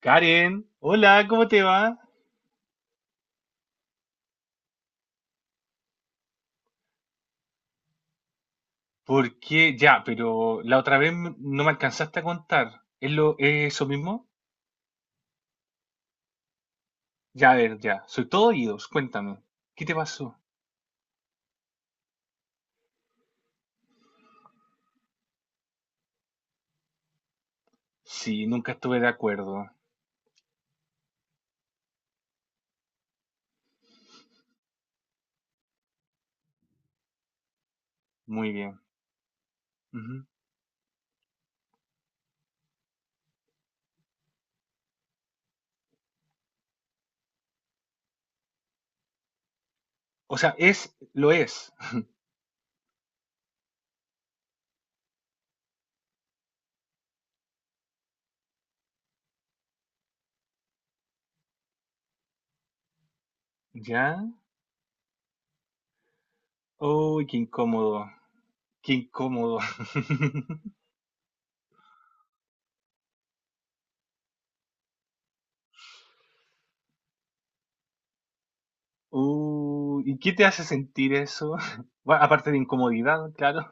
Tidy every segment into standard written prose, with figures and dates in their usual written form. Karen, hola, ¿cómo te va? Porque Ya, pero la otra vez no me alcanzaste a contar. ¿Es eso mismo? Ya, a ver, ya. Soy todo oídos, cuéntame. ¿Qué te pasó? Sí, nunca estuve de acuerdo. Muy bien. Ujú. O sea, lo es. ¿Ya? Uy, qué incómodo. Qué incómodo. Uy, ¿y qué te hace sentir eso? Bueno, aparte de incomodidad, claro.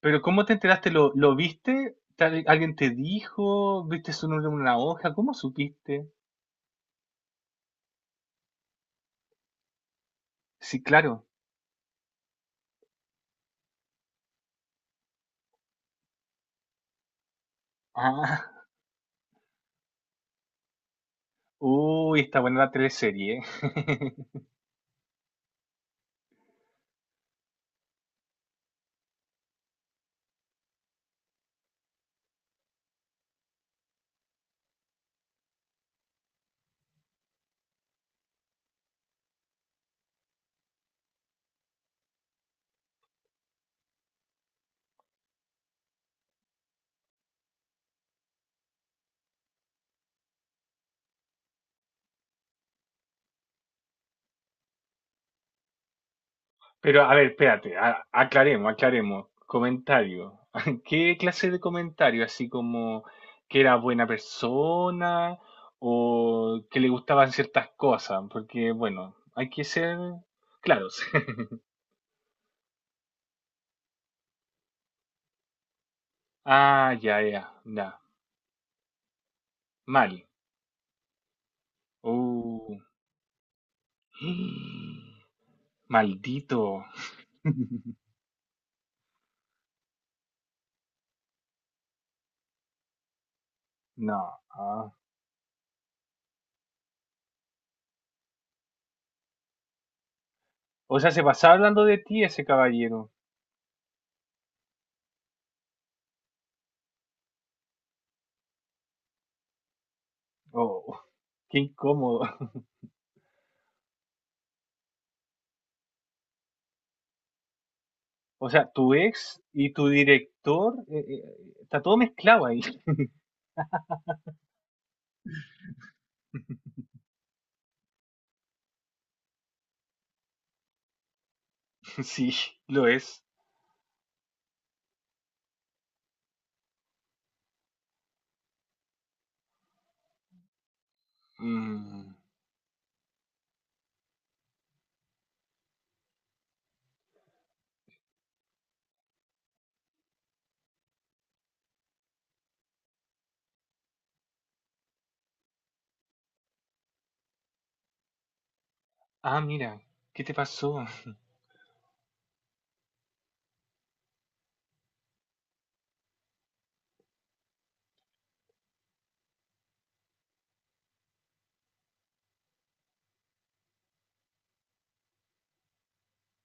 Pero ¿cómo te enteraste? ¿Lo viste? ¿Alguien te dijo? ¿Viste su nombre en una hoja? ¿Cómo supiste? Sí, claro. Ah, uy, está buena la teleserie. Pero a ver, espérate, aclaremos, aclaremos. Comentario. ¿Qué clase de comentario? Así como que era buena persona o que le gustaban ciertas cosas, porque bueno, hay que ser claros. Ah, ya, ya, ya. Mal. Uh. Maldito. No. Ah. O sea, se pasaba hablando de ti ese caballero. Oh, qué incómodo. O sea, tu ex y tu director, está todo mezclado ahí. Sí, lo es. Mm. Ah, mira, ¿qué te pasó?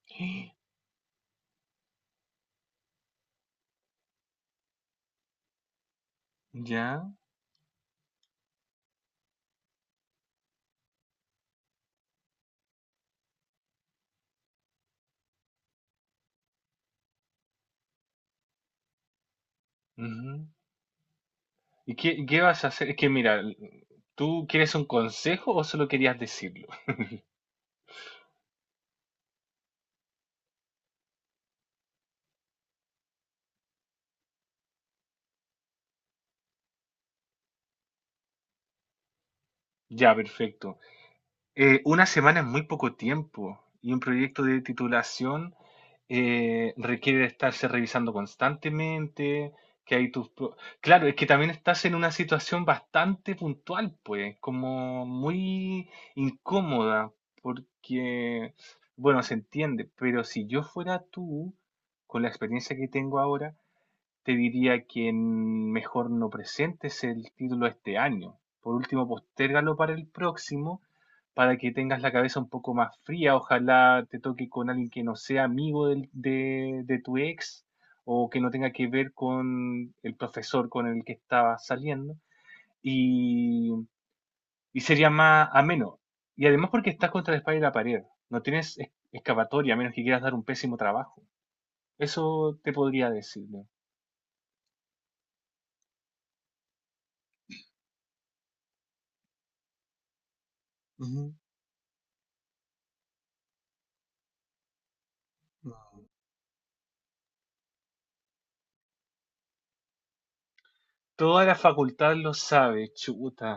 ¿Ya? Ujú. ¿Y qué vas a hacer? Es que mira, ¿tú quieres un consejo o solo querías decirlo? Ya, perfecto. Una semana es muy poco tiempo y un proyecto de titulación requiere de estarse revisando constantemente, que hay tus... pro- Claro, es que también estás en una situación bastante puntual, pues, como muy incómoda, porque, bueno, se entiende, pero si yo fuera tú, con la experiencia que tengo ahora, te diría que mejor no presentes el título este año. Por último, postérgalo para el próximo, para que tengas la cabeza un poco más fría. Ojalá te toque con alguien que no sea amigo de tu ex o que no tenga que ver con el profesor con el que estabas saliendo. Y, y sería más ameno. Y además porque estás contra la espalda y la pared. No tienes escapatoria a menos que quieras dar un pésimo trabajo. Eso te podría decir, ¿no? Ujú. Toda la facultad lo sabe, chuta.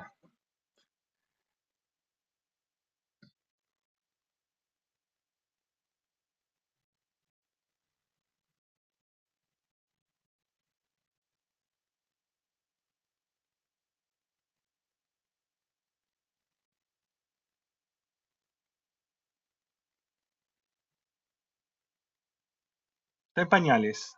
Está en pañales.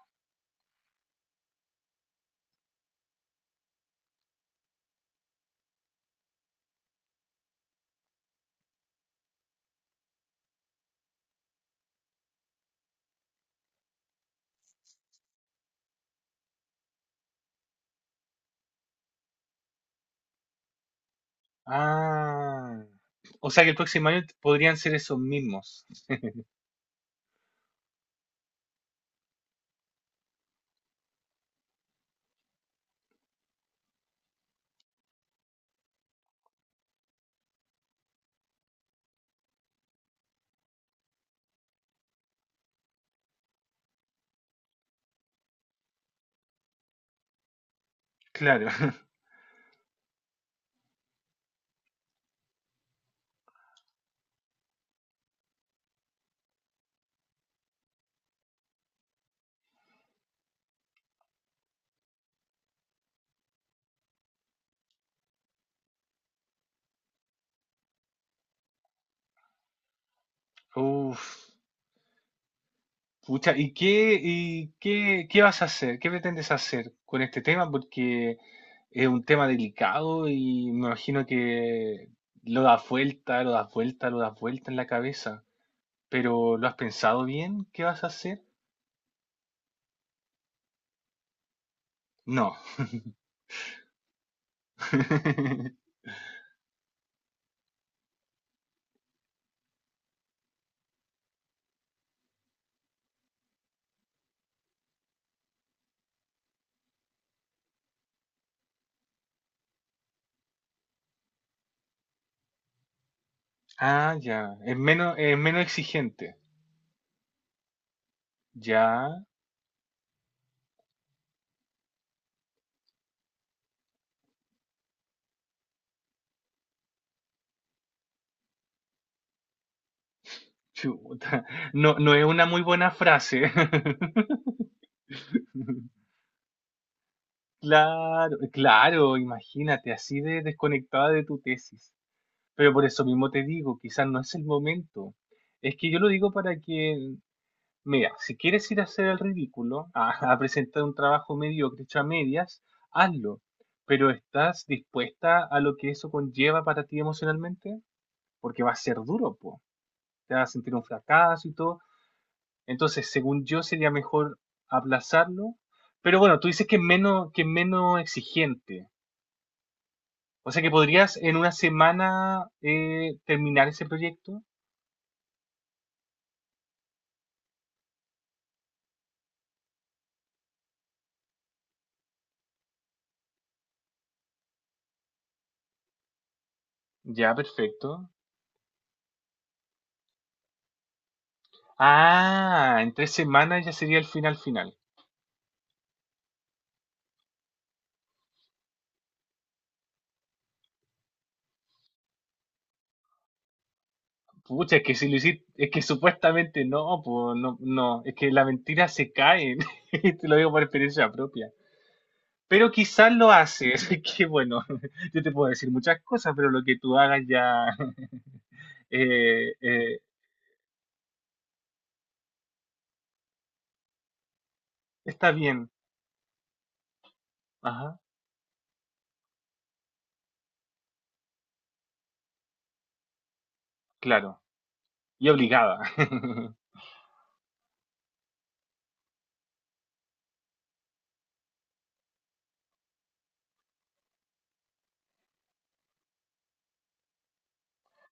Ah. O sea que el próximo año podrían ser esos mismos. Claro. Uf. Pucha, ¿y qué vas a hacer? ¿Qué pretendes hacer con este tema? Porque es un tema delicado y me imagino que lo das vuelta, lo das vuelta, lo das vuelta en la cabeza. Pero ¿lo has pensado bien? ¿Qué vas a hacer? No. Ah, ya. Es menos exigente. Ya. Chuta. No, no es una muy buena frase. Claro, claro, imagínate, así de desconectada de tu tesis. Pero por eso mismo te digo, quizás no es el momento. Es que yo lo digo para que, mira, si quieres ir a hacer el ridículo, a presentar un trabajo mediocre hecho a medias, hazlo. Pero ¿estás dispuesta a lo que eso conlleva para ti emocionalmente? Porque va a ser duro, po. Te vas a sentir un fracaso y todo. Entonces, según yo, sería mejor aplazarlo. Pero bueno, tú dices que es menos exigente. O sea que podrías en una semana terminar ese proyecto. Ya, perfecto. Ah, en 3 semanas ya sería el final final. Pucha, es que si lo hiciste, es que supuestamente no, pues no, no, es que la mentira se cae, te lo digo por experiencia propia. Pero quizás lo haces, que bueno, yo te puedo decir muchas cosas, pero lo que tú hagas ya eh, eh, está bien. Ajá, claro. Y obligada.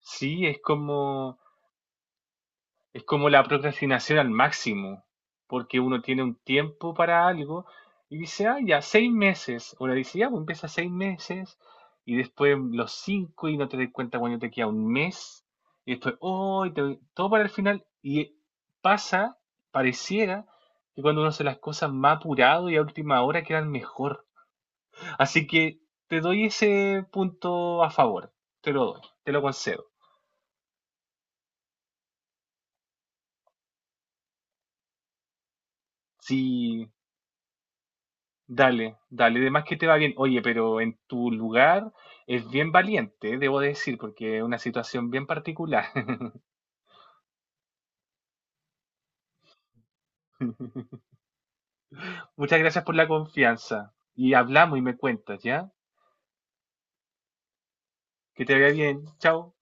Sí, Es como la procrastinación al máximo, porque uno tiene un tiempo para algo y dice, ah, ya, 6 meses. O le dice, ya, pues empieza 6 meses y después los 5 y no te das cuenta cuando te queda un mes. Y después, oh, todo para el final. Y pasa, pareciera, que cuando uno hace las cosas más apurado y a última hora quedan mejor. Así que te doy ese punto a favor. Te lo doy, te lo concedo. Si Dale, dale, de más que te va bien. Oye, pero en tu lugar es bien valiente, debo decir, porque es una situación bien particular. Muchas gracias por la confianza. Y hablamos y me cuentas, ¿ya? Que te vaya bien. Chao.